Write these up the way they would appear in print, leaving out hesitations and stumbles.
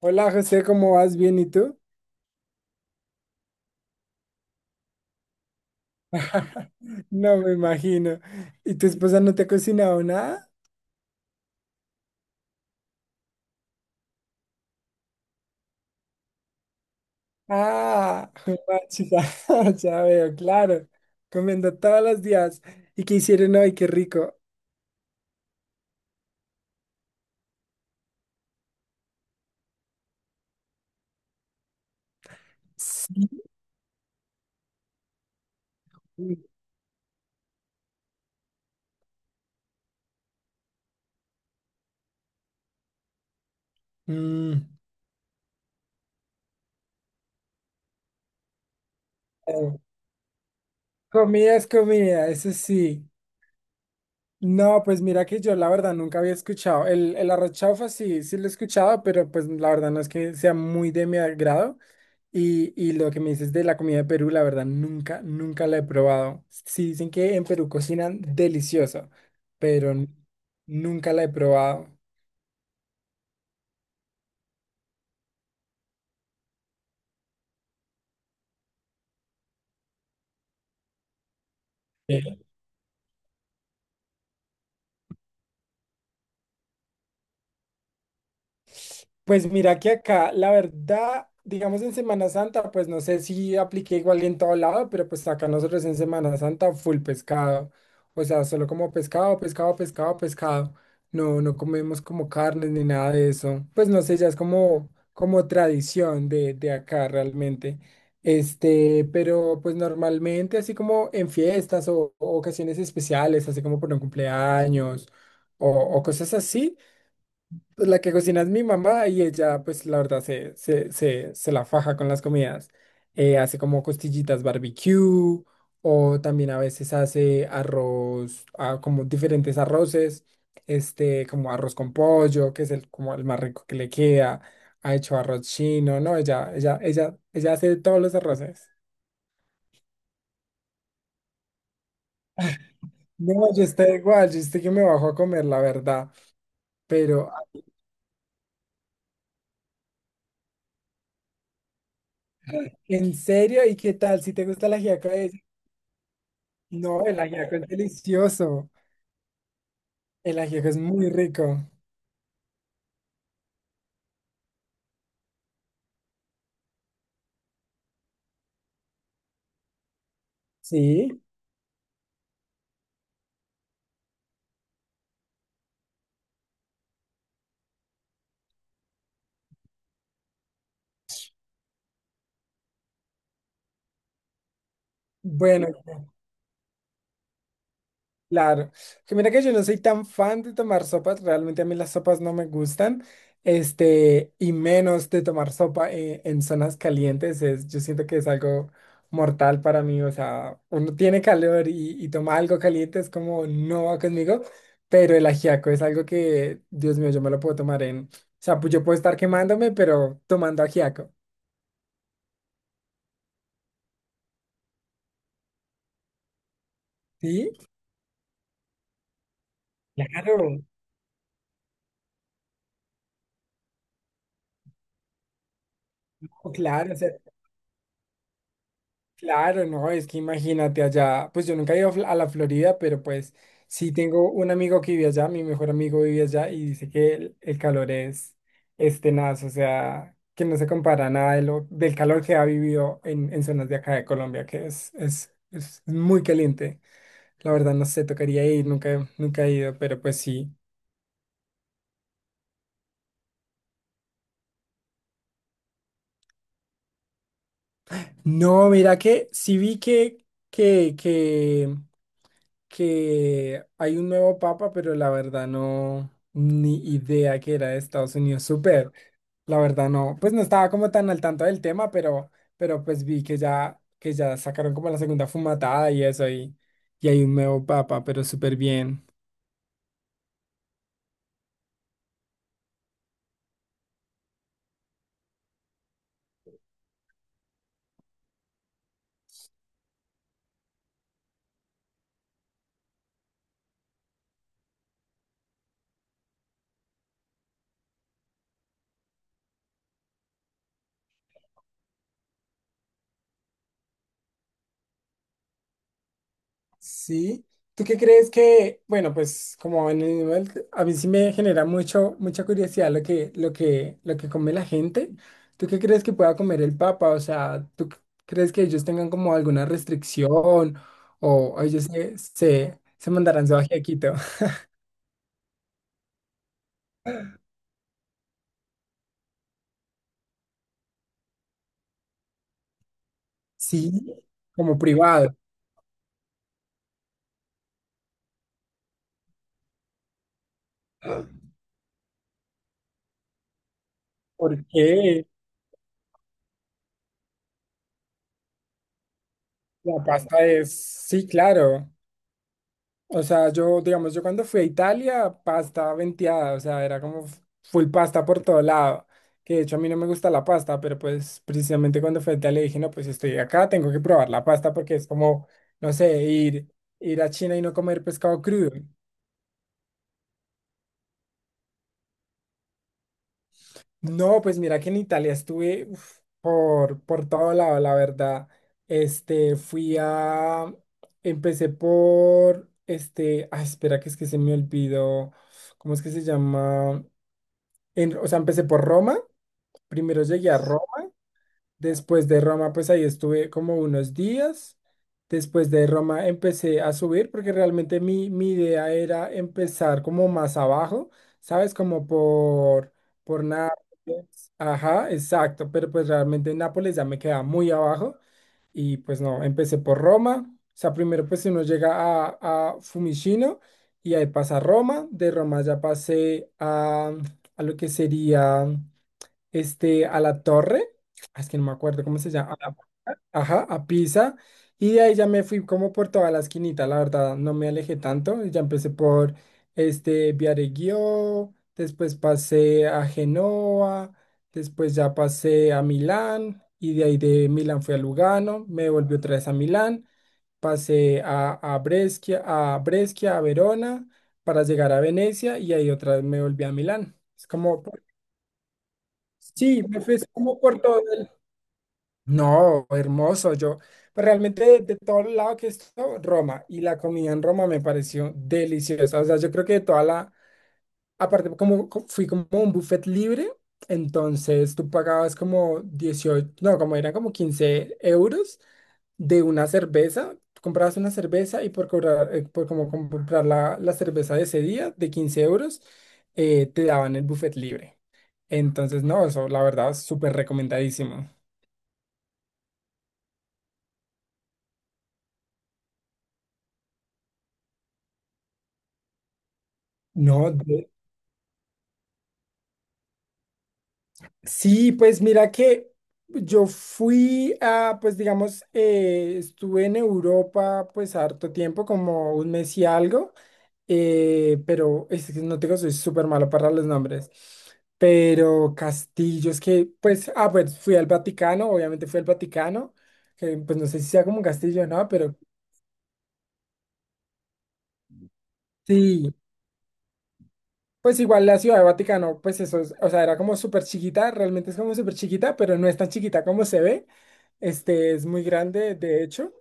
Hola José, ¿cómo vas? ¿Bien y tú? No me imagino. ¿Y tu esposa no te ha cocinado nada? Ah, chica, ya veo, claro. Comiendo todos los días. ¿Y qué hicieron hoy? Qué rico. Sí. Mm, eh, Comida es comida, eso sí. No, pues mira que yo la verdad nunca había escuchado. El arroz chaufa sí, sí lo he escuchado, pero pues la verdad no es que sea muy de mi agrado. Y lo que me dices de la comida de Perú, la verdad, nunca, nunca la he probado. Sí, dicen que en Perú cocinan delicioso, pero nunca la he probado. Pues mira que acá, la verdad, digamos en Semana Santa, pues no sé si apliqué igual en todo lado, pero pues acá nosotros en Semana Santa full pescado. O sea, solo como pescado, pescado, pescado, pescado. No, no comemos como carnes ni nada de eso. Pues no sé, ya es como, como tradición de, acá realmente. Pero pues normalmente así como en fiestas o ocasiones especiales, así como por un cumpleaños o o cosas así. Pues la que cocina es mi mamá y ella, pues la verdad, se la faja con las comidas. Hace como costillitas barbecue o también a veces hace arroz, como diferentes arroces, como arroz con pollo, que es el, como el más rico que le queda. Ha hecho arroz chino, ¿no? Ella hace todos los arroces. No, yo estoy igual, yo estoy que me bajo a comer, la verdad. Pero, ¿en serio? ¿Y qué tal? ¿Si te gusta el ajiaco de ella? No, el ajiaco es delicioso. El ajiaco es muy rico. Sí. Bueno, claro. Que mira que yo no soy tan fan de tomar sopas, realmente a mí las sopas no me gustan, y menos de tomar sopa en zonas calientes, es, yo siento que es algo mortal para mí, o sea, uno tiene calor y toma algo caliente, es como no va conmigo, pero el ajiaco es algo que, Dios mío, yo me lo puedo tomar en, o sea, pues yo puedo estar quemándome, pero tomando ajiaco, ¿sí? Claro, claro, o sea, claro, no, es que imagínate allá, pues yo nunca he ido a a la Florida, pero pues sí tengo un amigo que vive allá, mi mejor amigo vive allá y dice que el calor es tenaz, o sea, que no se compara nada de lo, del calor que ha vivido en zonas de acá de Colombia, que es, es muy caliente. La verdad no sé, tocaría ir, nunca, nunca he ido, pero pues sí. No, mira que sí vi que, que hay un nuevo papa, pero la verdad no, ni idea que era de Estados Unidos. Súper, la verdad no, pues no estaba como tan al tanto del tema, pero pues vi que ya, sacaron como la segunda fumatada y eso, y hay un nuevo papa, pero súper bien. Sí. ¿Tú qué crees que, bueno, pues como en el nivel, a mí sí me genera mucho, mucha curiosidad lo que, lo que come la gente? ¿Tú qué crees que pueda comer el Papa? O sea, ¿tú crees que ellos tengan como alguna restricción o ellos se mandarán su ají a Quito? Sí, como privado. Porque la pasta es, sí, claro. O sea, yo, digamos, yo cuando fui a Italia, pasta venteada, o sea, era como full pasta por todo lado. Que de hecho a mí no me gusta la pasta, pero pues precisamente cuando fui a Italia dije, no, pues si estoy acá, tengo que probar la pasta porque es como, no sé, ir, ir a China y no comer pescado crudo. No, pues mira que en Italia estuve uf, por, todo lado, la verdad. Fui a, empecé por, ay, espera que es que se me olvidó, ¿cómo es que se llama? O sea, empecé por Roma, primero llegué a Roma, después de Roma pues ahí estuve como unos días, después de Roma empecé a subir porque realmente mi idea era empezar como más abajo, ¿sabes? Como por, Nápoles, ajá, exacto, pero pues realmente Nápoles ya me queda muy abajo y pues no, empecé por Roma, o sea, primero pues uno llega a, Fiumicino y ahí pasa Roma, de Roma ya pasé a lo que sería a la torre, es que no me acuerdo cómo se llama, ajá, a Pisa, y de ahí ya me fui como por toda la esquinita, la verdad, no me alejé tanto, y ya empecé por, Viareggio, después pasé a Genoa, después ya pasé a Milán, y de ahí de Milán fui a Lugano, me volví otra vez a Milán, pasé a Brescia, a Verona, para llegar a Venecia, y ahí otra vez me volví a Milán. Es como... Sí, me fui como por todo el... No, hermoso, yo. Pero realmente de todo el lado que estuvo, Roma. Y la comida en Roma me pareció deliciosa. O sea, yo creo que toda la... Aparte, como fui como un buffet libre, entonces tú pagabas como 18, no, como eran como 15 euros de una cerveza. Tú comprabas una cerveza y por cobrar, por como comprar la, la cerveza de ese día de 15 euros, te daban el buffet libre. Entonces, no, eso la verdad, súper recomendadísimo. No, sí, pues mira que yo fui a, pues digamos, estuve en Europa pues harto tiempo, como un mes y algo, pero es que no te digo, soy súper malo para los nombres, pero castillos que, pues, pues fui al Vaticano, obviamente fui al Vaticano, que pues no sé si sea como un castillo, ¿no? Pero sí. Pues igual la Ciudad de Vaticano, pues eso es, o sea, era como súper chiquita, realmente es como súper chiquita, pero no es tan chiquita como se ve. Este es muy grande, de hecho.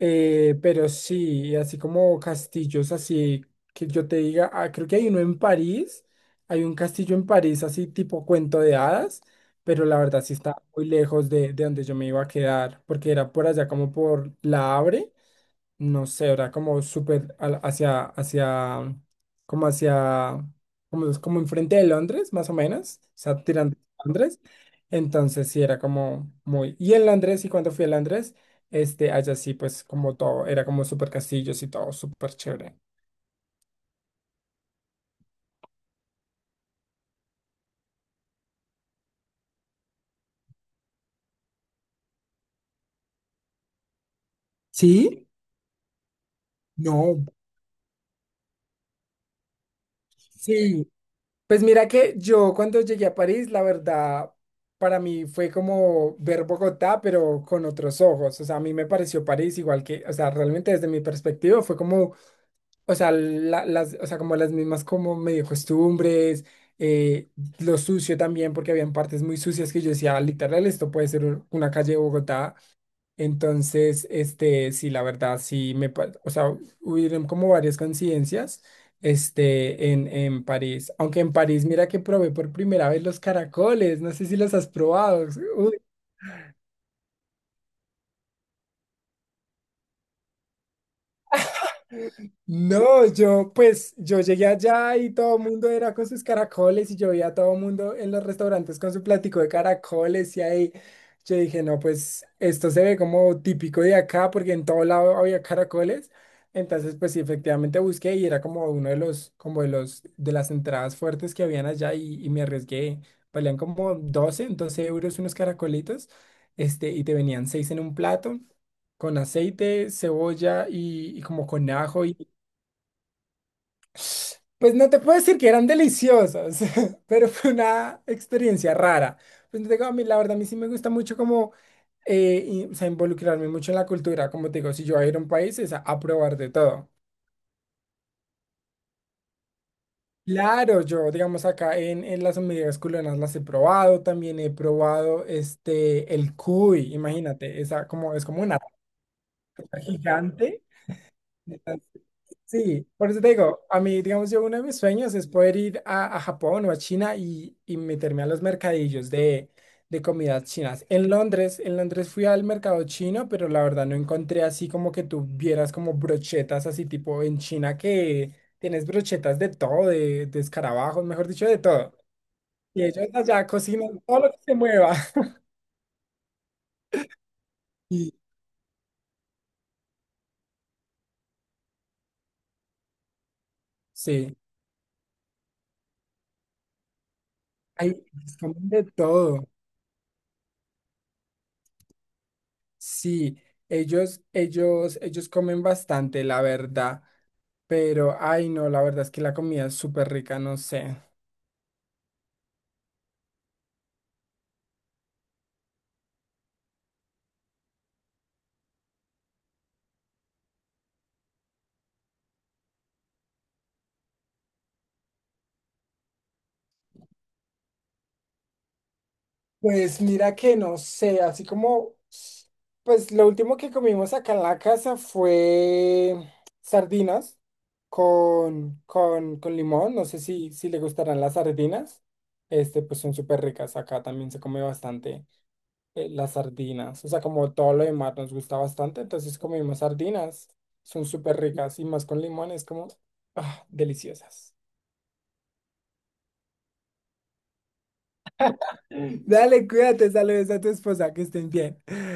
Pero sí, así como castillos, así que yo te diga, creo que hay uno en París, hay un castillo en París, así tipo cuento de hadas, pero la verdad sí está muy lejos de donde yo me iba a quedar, porque era por allá como por La Havre, no sé, era como súper hacia, como hacia, como, es como enfrente de Londres, más o menos, o sea, tirando a Londres. Entonces sí, era como muy... Y en Londres, y cuando fui a Londres, allá sí, pues como todo, era como súper castillos y todo, súper chévere. ¿Sí? No, sí, pues mira que yo cuando llegué a París, la verdad, para mí fue como ver Bogotá, pero con otros ojos. O sea, a mí me pareció París igual que, o sea, realmente desde mi perspectiva fue como, o sea, las, o sea, como las mismas como medio costumbres, eh, lo sucio también, porque habían partes muy sucias que yo decía: "Ah, literal, esto puede ser una calle de Bogotá". Entonces, sí, la verdad, sí me, o sea, hubieron como varias coincidencias, en, París. Aunque en París, mira que probé por primera vez los caracoles, no sé si los has probado. Uy, no, yo pues yo llegué allá y todo el mundo era con sus caracoles y yo veía a todo el mundo en los restaurantes con su platico de caracoles y ahí yo dije, no, pues esto se ve como típico de acá porque en todo lado había caracoles. Entonces, pues sí, efectivamente busqué y era como uno de los, como de los, de las entradas fuertes que habían allá y me arriesgué. Valían como 12 12 euros unos caracolitos, y te venían seis en un plato con aceite, cebolla y como con ajo. Pues no te puedo decir que eran deliciosas, pero fue una experiencia rara. Pues te digo, a mí la verdad, a mí sí me gusta mucho como o sea, involucrarme mucho en la cultura. Como te digo, si yo voy a ir a un país es a probar de todo. Claro, yo, digamos, acá en, las hormigas culonas las he probado, también he probado el cuy, imagínate, esa como, es como una rata gigante. Sí, por eso te digo, a mí, digamos, yo uno de mis sueños es poder ir a Japón o a China y meterme a los mercadillos de, comidas chinas. En Londres fui al mercado chino, pero la verdad no encontré así como que tú vieras como brochetas así tipo en China que tienes brochetas de todo, de, escarabajos, mejor dicho, de todo. Y ellos allá cocinan todo lo que se mueva. Y sí, hay, comen de todo. Sí, ellos comen bastante, la verdad. Pero, ay, no, la verdad es que la comida es súper rica, no sé. Pues mira que no sé, así como, pues lo último que comimos acá en la casa fue sardinas con, con limón, no sé si, si le gustarán las sardinas, pues son súper ricas, acá también se come bastante las sardinas, o sea, como todo lo demás nos gusta bastante, entonces comimos sardinas, son súper ricas y más con limón es como, ah, deliciosas. Dale, cuídate, saludos a tu esposa, que estén bien.